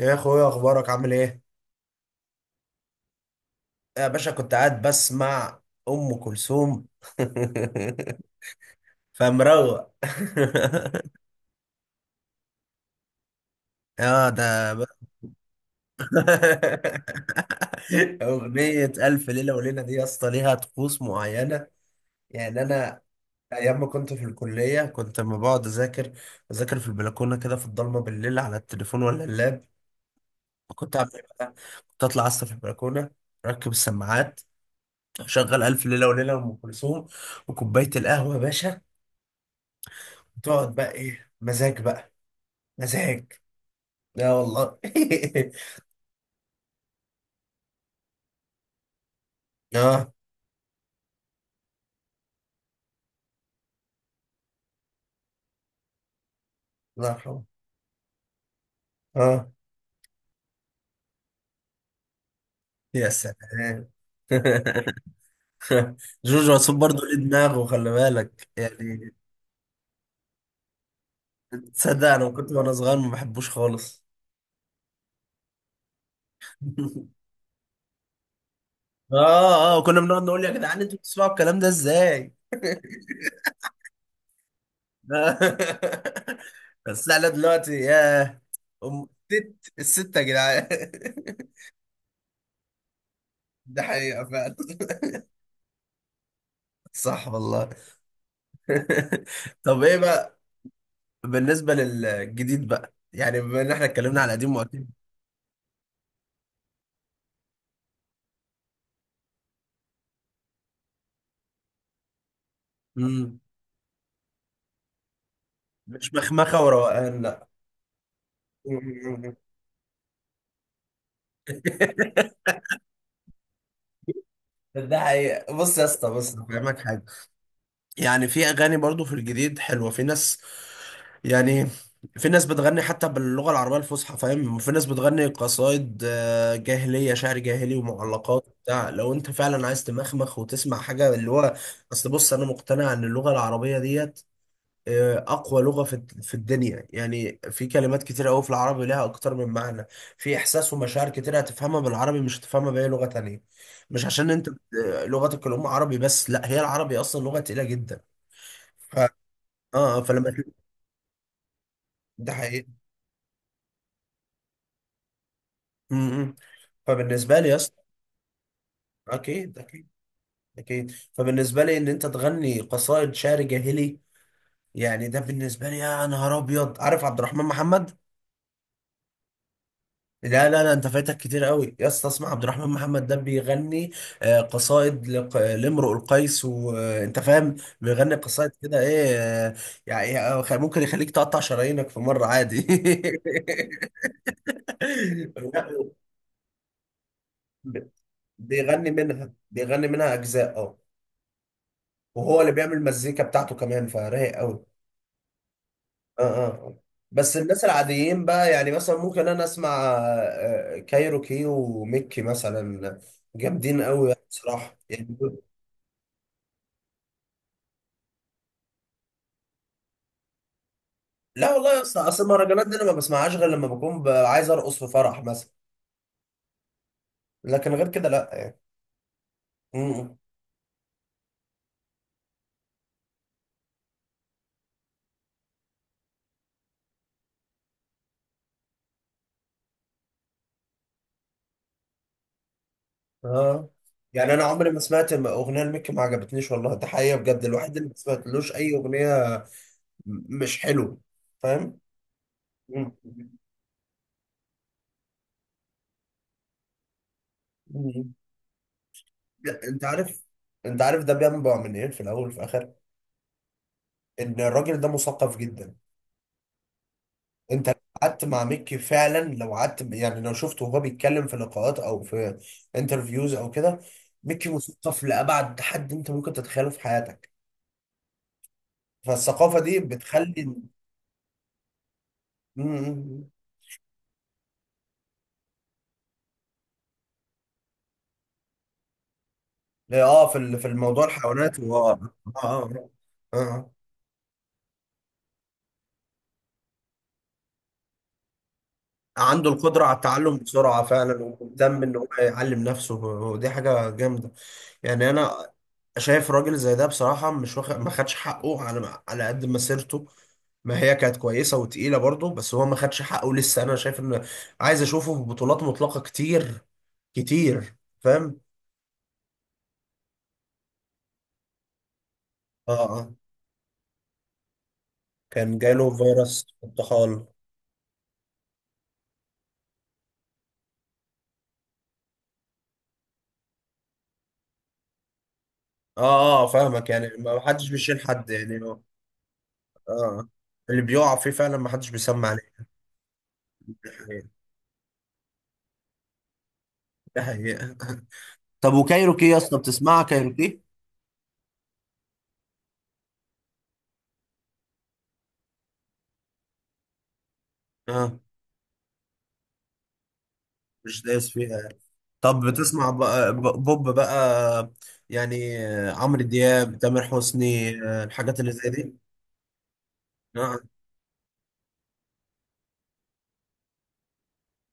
إيه يا اخويا، اخبارك؟ عامل ايه؟ يا باشا، كنت قاعد بسمع ام كلثوم. فمروق. اه ده ب- اغنيه الف ليله وليله دي يا اسطى ليها طقوس معينه. يعني انا ايام ما كنت في الكليه، كنت لما بقعد اذاكر في البلكونه كده في الضلمه بالليل على التليفون ولا اللاب، كنت اعمل إيه بقى؟ كنت اطلع اسطى في البلكونه، اركب السماعات، اشغل الف ليله وليله ام كلثوم، وكوبايه القهوه يا باشا. تقعد بقى، ايه مزاج بقى، مزاج. لا والله. اه، الله يرحمه. اه، يا سلام. جورج وسوف برضه ليه دماغه، خلي بالك يعني. تصدق انا كنت وانا صغير ما بحبوش خالص. اه، اه، كنا بنقعد نقول يا جدعان، انتوا بتسمعوا الكلام ده ازاي؟ بس احنا دلوقتي يا ام ست الستة يا جدعان. ده حقيقة فعلا. صح والله. طب ايه بقى؟ بالنسبة للجديد بقى، يعني بما ان احنا اتكلمنا على قديم وقديم. امم مش مخمخة وروقان، لا. مم. ده حقيقة. بص يا اسطى، بص هفهمك حاجة. يعني في اغاني برضو في الجديد حلوة، في ناس، يعني في ناس بتغني حتى باللغة العربية الفصحى فاهم، وفي ناس بتغني قصايد جاهلية، شعر جاهلي ومعلقات بتاع، لو انت فعلا عايز تمخمخ وتسمع حاجة اللي هو، اصل بص، انا مقتنع ان اللغة العربية ديت اقوى لغه في الدنيا. يعني في كلمات كتير قوي في العربي لها اكتر من معنى، في احساس ومشاعر كتير هتفهمها بالعربي، مش هتفهمها باي لغه تانية. مش عشان انت لغتك الام عربي، بس لا، هي العربي اصلا لغه تقيله جدا. ف اه آه، فلما ت- ده حقيقي. م- م. فبالنسبه لي اصلا، اكيد اكيد اكيد. فبالنسبه لي ان انت تغني قصائد شعر جاهلي، يعني ده بالنسبه لي يا نهار ابيض. عارف عبد الرحمن محمد؟ لا لا لا، انت فايتك كتير قوي يا اسطى. اسمع عبد الرحمن محمد ده بيغني قصائد لامرؤ القيس، وانت فاهم، بيغني قصائد كده ايه. يعني ممكن يخليك تقطع شرايينك في مرة عادي. لا، ب- بيغني منها اجزاء. اه. وهو اللي بيعمل مزيكا بتاعته كمان، فرايق قوي. اه، اه. بس الناس العاديين بقى، يعني مثلا ممكن انا اسمع كايروكي وميكي مثلا، جامدين قوي يعني بصراحه. يعني لا والله يا اسطى، اصل المهرجانات دي انا ما بسمعهاش غير لما بكون عايز ارقص في فرح مثلا. لكن غير كده لا يعني. م- م. اه. يعني انا عمري ما سمعت اغنيه لميكي ما عجبتنيش، والله ده حقيقه بجد. الواحد اللي ما سمعتلوش اي اغنيه مش حلو، فاهم؟ م- م. لا، انت عارف ده بينبع من ايه في الاول وفي الاخر. ان الراجل ده مثقف جدا. انت لو قعدت مع ميكي فعلا، لو قعدت يعني، لو شفته وهو بيتكلم في لقاءات او في انترفيوز او كده، ميكي مثقف لابعد حد انت ممكن تتخيله في حياتك. فالثقافه دي بتخلي م- م- م. اه، في في الموضوع الحيوانات اه، اه، اه، آه. عنده القدرة على التعلم بسرعة فعلا، ومهتم إن هو يعلم نفسه، ودي حاجة جامدة. يعني أنا شايف راجل زي ده بصراحة مش واخد، ما خدش حقه على قد مسيرته. ما هي كانت كويسة وتقيلة برضه، بس هو ما خدش حقه لسه. أنا شايف إن عايز أشوفه في بطولات مطلقة كتير كتير، فاهم؟ آه، آه، كان جاله فيروس الطحال. آه، آه، فاهمك، يعني ما حدش بيشيل حد يعني. آه، آه. اللي بيقع فيه فعلا ما حدش بيسمع عليه يعني. ده حقيقة. طب وكايروكي يا اسطى، بتسمعها كايروكي؟ اه. مش دايس فيها يعني. طب بتسمع بقى بوب بقى، يعني عمرو دياب، تامر حسني، الحاجات اللي زي دي. اه.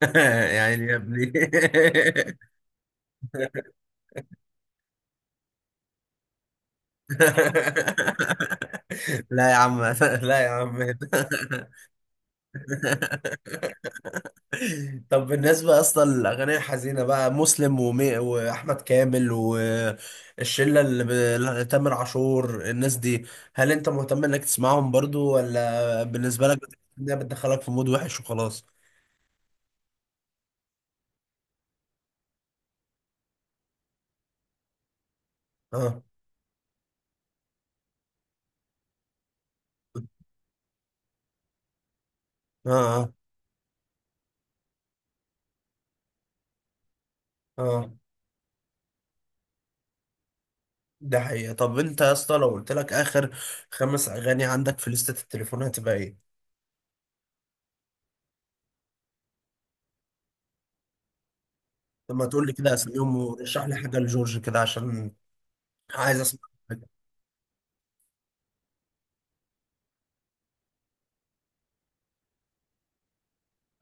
يعني يا ابني. لا يا عم، لا يا عم. طب بالنسبة اصلا للاغاني الحزينة بقى، مسلم واحمد كامل، والشلة اللي ب... لا- تامر عاشور، الناس دي، هل انت مهتم انك تسمعهم برضو، ولا بالنسبة لك انها بتدخلك في مود وحش وخلاص؟ اه، اه، اه، آه، ده حقيقة. طب انت يا اسطى، لو قلت لك اخر خمس اغاني عندك في لستة التليفون هتبقى ايه؟ لما تقول لي كده، اسميهم ورشح لي حاجة لجورج كده، عشان عايز اسمع حاجة.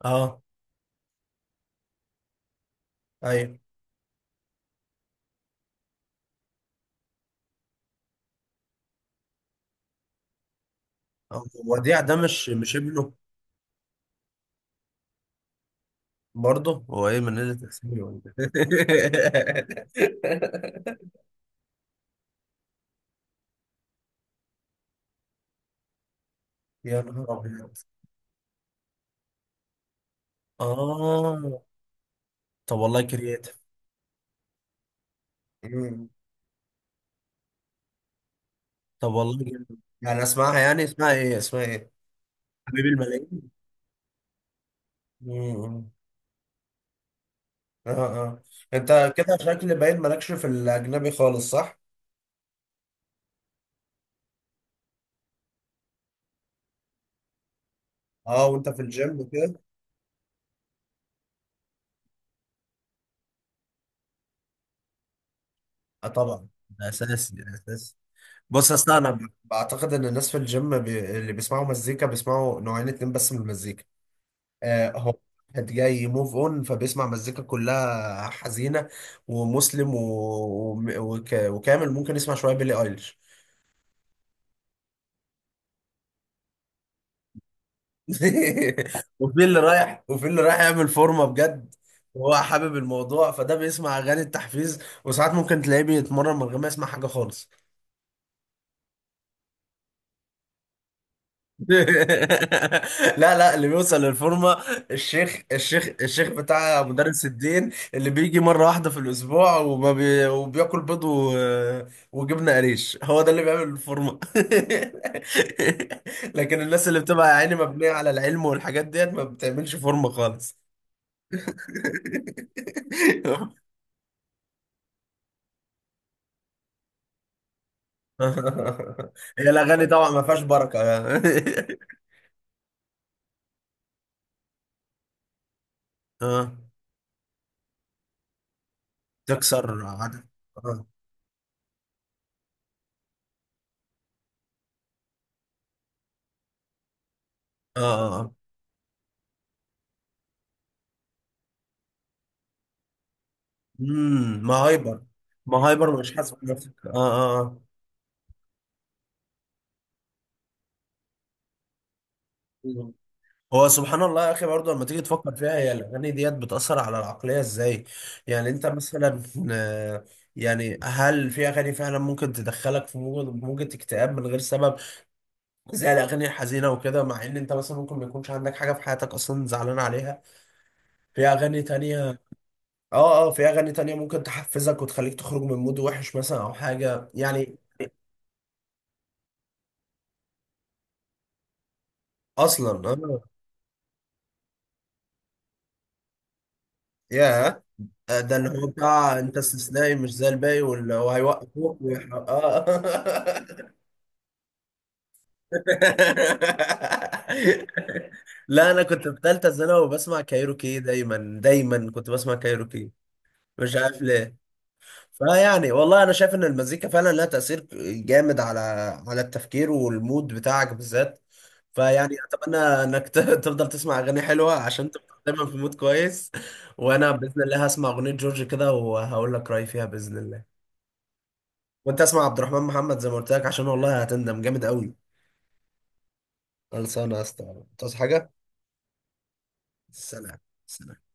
اه، ايوه، آه. وديع ده مش ابنه، برضه هو ايه، من نزل تقسيمي ولا إيه؟ يا نهار ابيض. اه، طب والله كرياتيف. مم. طب والله جامد. يعني اسمعها، يعني اسمها ايه، اسمها ايه؟ حبيبي الملايين. مم. اه، اه. انت كده شكل باين مالكش في الاجنبي خالص، صح؟ اه. وانت في الجيم كده. اه طبعا، ده اساسي، ده اساسي. بص، اصل انا بعتقد ان الناس في الجيم اللي بيسمعوا مزيكا بيسمعوا نوعين اتنين بس من المزيكا. هو واحد جاي موف اون، فبيسمع مزيكا كلها حزينه، ومسلم وكامل، ممكن يسمع شويه بيلي ايليش. وفي اللي رايح يعمل فورمه بجد، وهو حابب الموضوع، فده بيسمع اغاني التحفيز. وساعات ممكن تلاقيه بيتمرن من غير ما يسمع حاجه خالص. لا لا، اللي بيوصل للفورمه، الشيخ بتاع مدرس الدين اللي بيجي مره واحده في الاسبوع، وما بي وبياكل بيض وجبنه قريش، هو ده اللي بيعمل الفورمه. لكن الناس اللي بتبقى يا عيني مبنيه على العلم والحاجات ديت ما بتعملش فورمه خالص. هي الاغاني طبعا ما فيهاش بركه يعني. اه، تكسر عدد. اه، اه، آه. ما هايبر، ما هايبر، مش حاسس بنفسك، اه، اه، آه. مم. هو سبحان الله يا اخي، برضه لما تيجي تفكر فيها، هي الاغاني ديت بتاثر على العقليه ازاي. يعني انت مثلا، آه، يعني هل في اغاني فعلا ممكن تدخلك في موجة اكتئاب من غير سبب، زي الاغاني الحزينه وكده، مع ان انت مثلا ممكن ما يكونش عندك حاجه في حياتك اصلا زعلان عليها؟ في اغاني تانية، اه، اه، في اغاني تانية ممكن تحفزك وتخليك تخرج من مود وحش مثلا او حاجه يعني. اصلا اه، ياه، ده اللي هو بتاع انت استثنائي مش زي الباقي، واللي هو هيوقفوك ويح- اه لا، انا كنت في ثالثه ثانوي وبسمع كايروكي، دايما دايما كنت بسمع كايروكي، مش عارف ليه. فيعني والله انا شايف ان المزيكا فعلا لها تاثير جامد على التفكير والمود بتاعك بالذات. فيعني اتمنى انك تفضل تسمع اغاني حلوه عشان تبقى دايما في مود كويس. وانا باذن الله هسمع اغنيه جورج كده، وهقول لك رايي فيها باذن الله. وانت اسمع عبد الرحمن محمد زي ما قلت لك، عشان والله هتندم جامد قوي. خلصانه يا اسطى، تعوز حاجه؟ سلام. سلام.